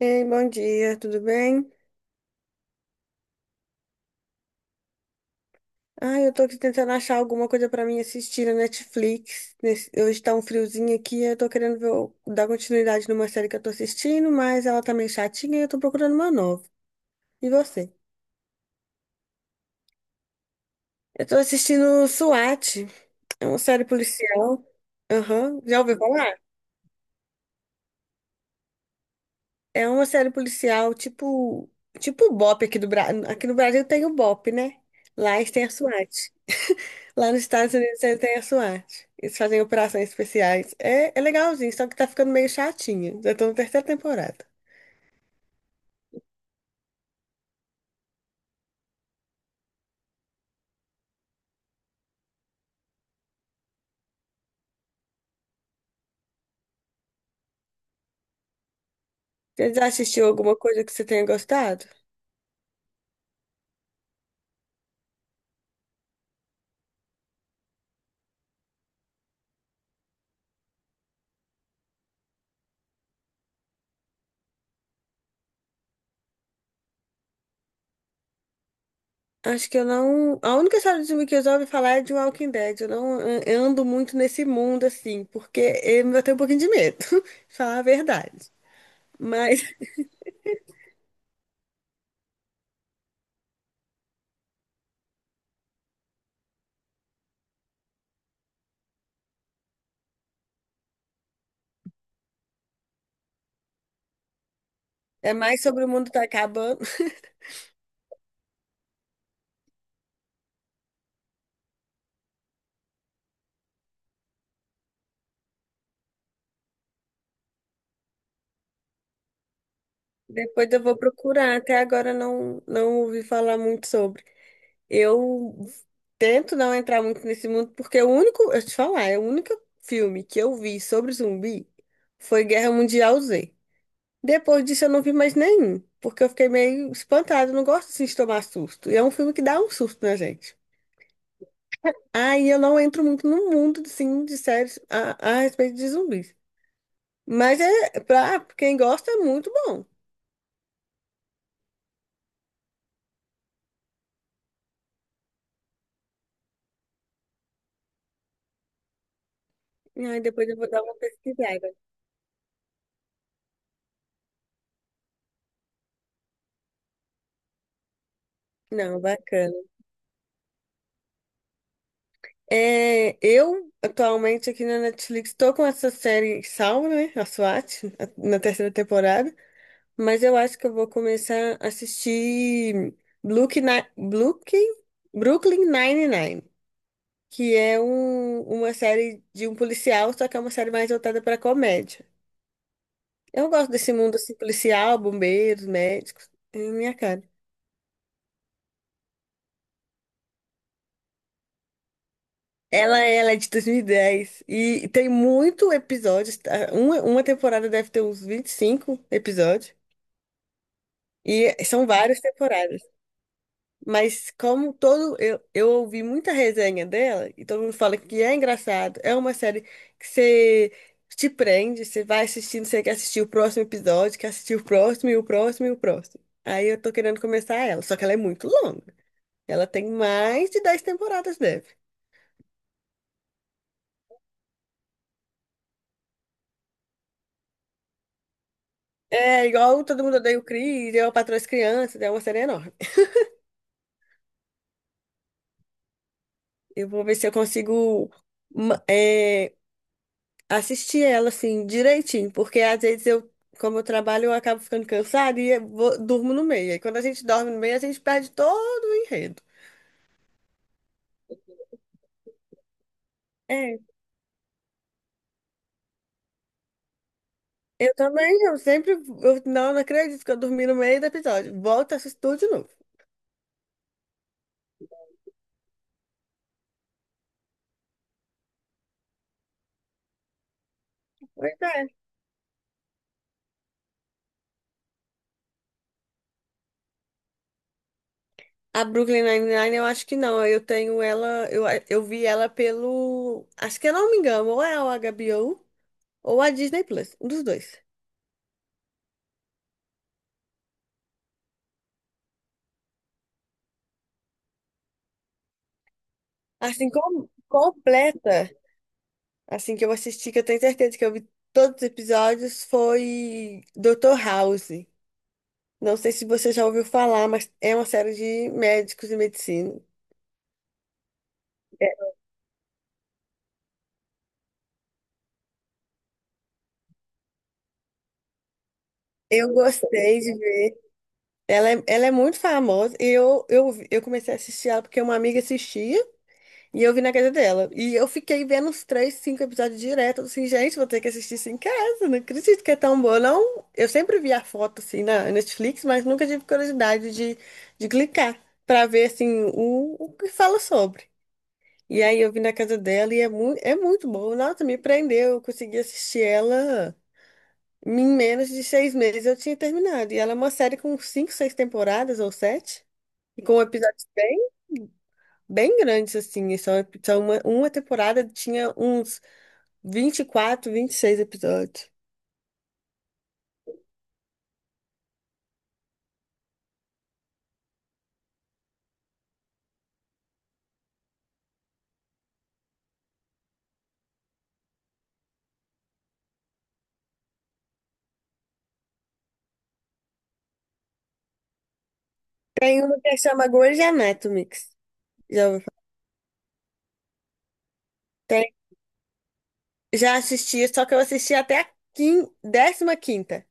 Ei, bom dia, tudo bem? Ah, eu tô aqui tentando achar alguma coisa pra mim assistir na Netflix. Hoje tá um friozinho aqui, eu tô querendo ver dar continuidade numa série que eu tô assistindo, mas ela tá meio chatinha e eu tô procurando uma nova. E você? Eu tô assistindo SWAT, é uma série policial. Aham, já ouviu falar? É uma série policial tipo o BOPE aqui do Brasil. Aqui no Brasil tem o BOPE, né? Lá eles têm a SWAT. Lá nos Estados Unidos eles têm a SWAT. Eles fazem operações especiais. É legalzinho, só que tá ficando meio chatinho. Já tô na terceira temporada. Você já assistiu alguma coisa que você tenha gostado? Acho que eu não. A única série de filme que eu já ouvi falar é de Walking Dead. Eu não an- eu ando muito nesse mundo, assim, porque eu tenho um pouquinho de medo, de falar a verdade. Mas é mais sobre o mundo tá acabando. Depois eu vou procurar. Até agora eu não ouvi falar muito sobre. Eu tento não entrar muito nesse mundo, porque o único, eu te falar, é o único filme que eu vi sobre zumbi foi Guerra Mundial Z. Depois disso eu não vi mais nenhum, porque eu fiquei meio espantada, eu não gosto assim, de tomar susto. E é um filme que dá um susto na gente. Aí eu não entro muito no mundo assim, de séries a respeito de zumbis. Mas é pra quem gosta é muito bom. Aí depois eu vou dar uma pesquisada. Não, bacana. É, eu, atualmente, aqui na Netflix, tô com essa série salva, né? A SWAT, na terceira temporada. Mas eu acho que eu vou começar a assistir Blue, Blue, Brooklyn Nine-Nine, que é uma série de um policial, só que é uma série mais voltada pra comédia. Eu gosto desse mundo assim, policial, bombeiros, médicos. É minha cara. Ela é de 2010 e tem muito episódios. Tá? Uma temporada deve ter uns 25 episódios. E são várias temporadas. Mas como todo. Eu ouvi muita resenha dela e todo mundo fala que é engraçado. É uma série que você te prende, você vai assistindo, você quer assistir o próximo episódio, quer assistir o próximo e o próximo e o próximo. Aí eu tô querendo começar ela, só que ela é muito longa. Ela tem mais de 10 temporadas, deve. É igual todo mundo odeia o Chris, eu patroa as crianças, é uma série enorme. Eu vou ver se eu consigo ma- é, assistir ela assim direitinho, porque às vezes eu, como eu trabalho, eu acabo ficando cansada e eu durmo no meio. E quando a gente dorme no meio, a gente perde todo o enredo. É, eu também, eu sempre, eu não acredito que eu dormi no meio do episódio. Volto a assistir tudo de novo. Pois é. A Brooklyn Nine-Nine eu acho que não, eu tenho ela, eu vi ela pelo, acho que eu não me engano, ou é o HBO ou a Disney Plus, um dos dois. Assim, completa, assim que eu assisti, que eu tenho certeza que eu vi todos os episódios, foi Dr. House. Não sei se você já ouviu falar, mas é uma série de médicos e medicina. Eu gostei de ver. Ela é muito famosa. Eu comecei a assistir ela porque uma amiga assistia. E eu vi na casa dela. E eu fiquei vendo uns três, cinco episódios direto. Assim, gente, vou ter que assistir isso em casa. Não acredito que é tão boa, não. Eu sempre vi a foto, assim, na Netflix, mas nunca tive curiosidade de clicar pra ver, assim, o que fala sobre. E aí eu vi na casa dela e é, mu é muito boa. Nossa, me prendeu. Eu consegui assistir ela em menos de 6 meses. Eu tinha terminado. E ela é uma série com cinco, seis temporadas ou sete. E com episódios bem bem grandes, assim. E só uma temporada tinha uns 20 24 26 episódios. Tem uma que chama Grey's Anatomy. Já, ouviu falar? Tem, já assisti, só que eu assisti até a 15ª.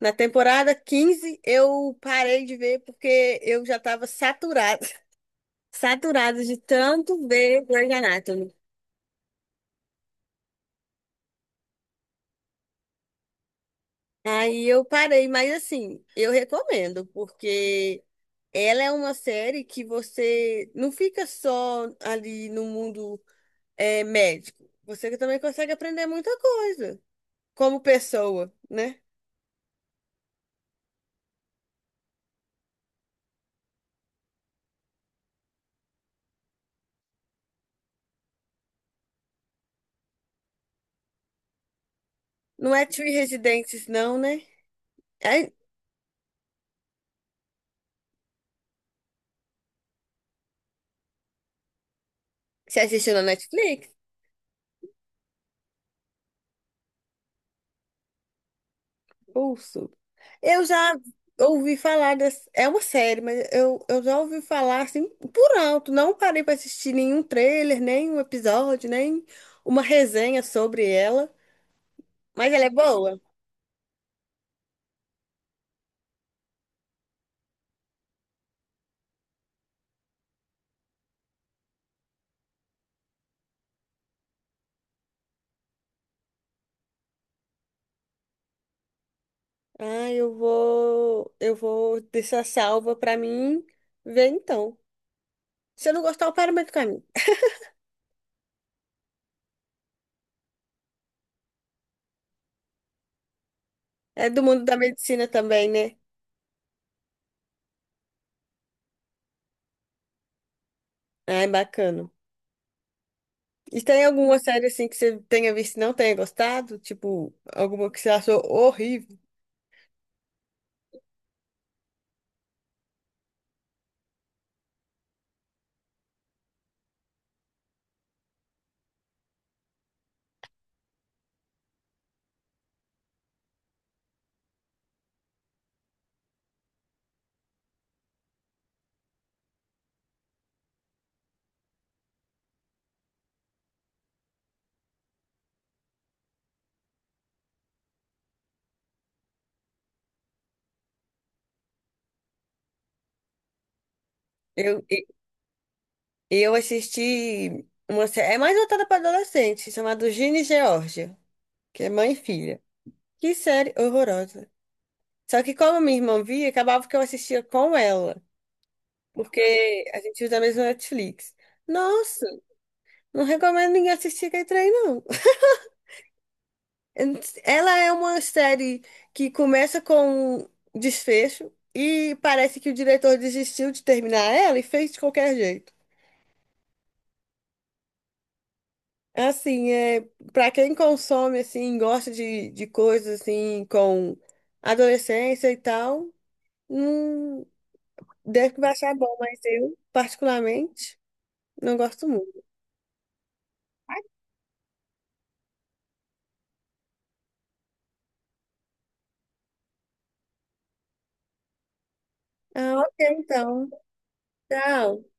Na temporada 15 eu parei de ver porque eu já estava saturada de tanto ver Grey's Anatomy. Aí eu parei, mas assim, eu recomendo, porque ela é uma série que você não fica só ali no mundo médico. Você também consegue aprender muita coisa como pessoa, né? Não é Three Residentes, não, né? É, você assistiu na Netflix? Pulso. Eu já ouvi falar dessa. É uma série, mas eu já ouvi falar assim por alto. Não parei para assistir nenhum trailer, nem um episódio, nem uma resenha sobre ela. Mas ela é boa. Ah, eu vou deixar salva para mim ver então. Se eu não gostar, eu paro meio do caminho. É do mundo da medicina também, né? Ah, é bacana. E tem alguma série assim que você tenha visto e não tenha gostado? Tipo, alguma que você achou horrível? Eu, Eu assisti uma série, é mais voltada para adolescente, chamada Ginny e Georgia, que é mãe e filha. Que série horrorosa. Só que como minha irmã via, acabava que eu assistia com ela, porque a gente usa a mesma Netflix. Nossa, não recomendo ninguém assistir aquele trem, não. Ela é uma série que começa com um desfecho e parece que o diretor desistiu de terminar ela e fez de qualquer jeito. Assim, para quem consome, assim, gosta de coisas, assim, com adolescência e tal, não deve que vai achar bom, mas eu, particularmente, não gosto muito. Ah, ok, então. Tchau.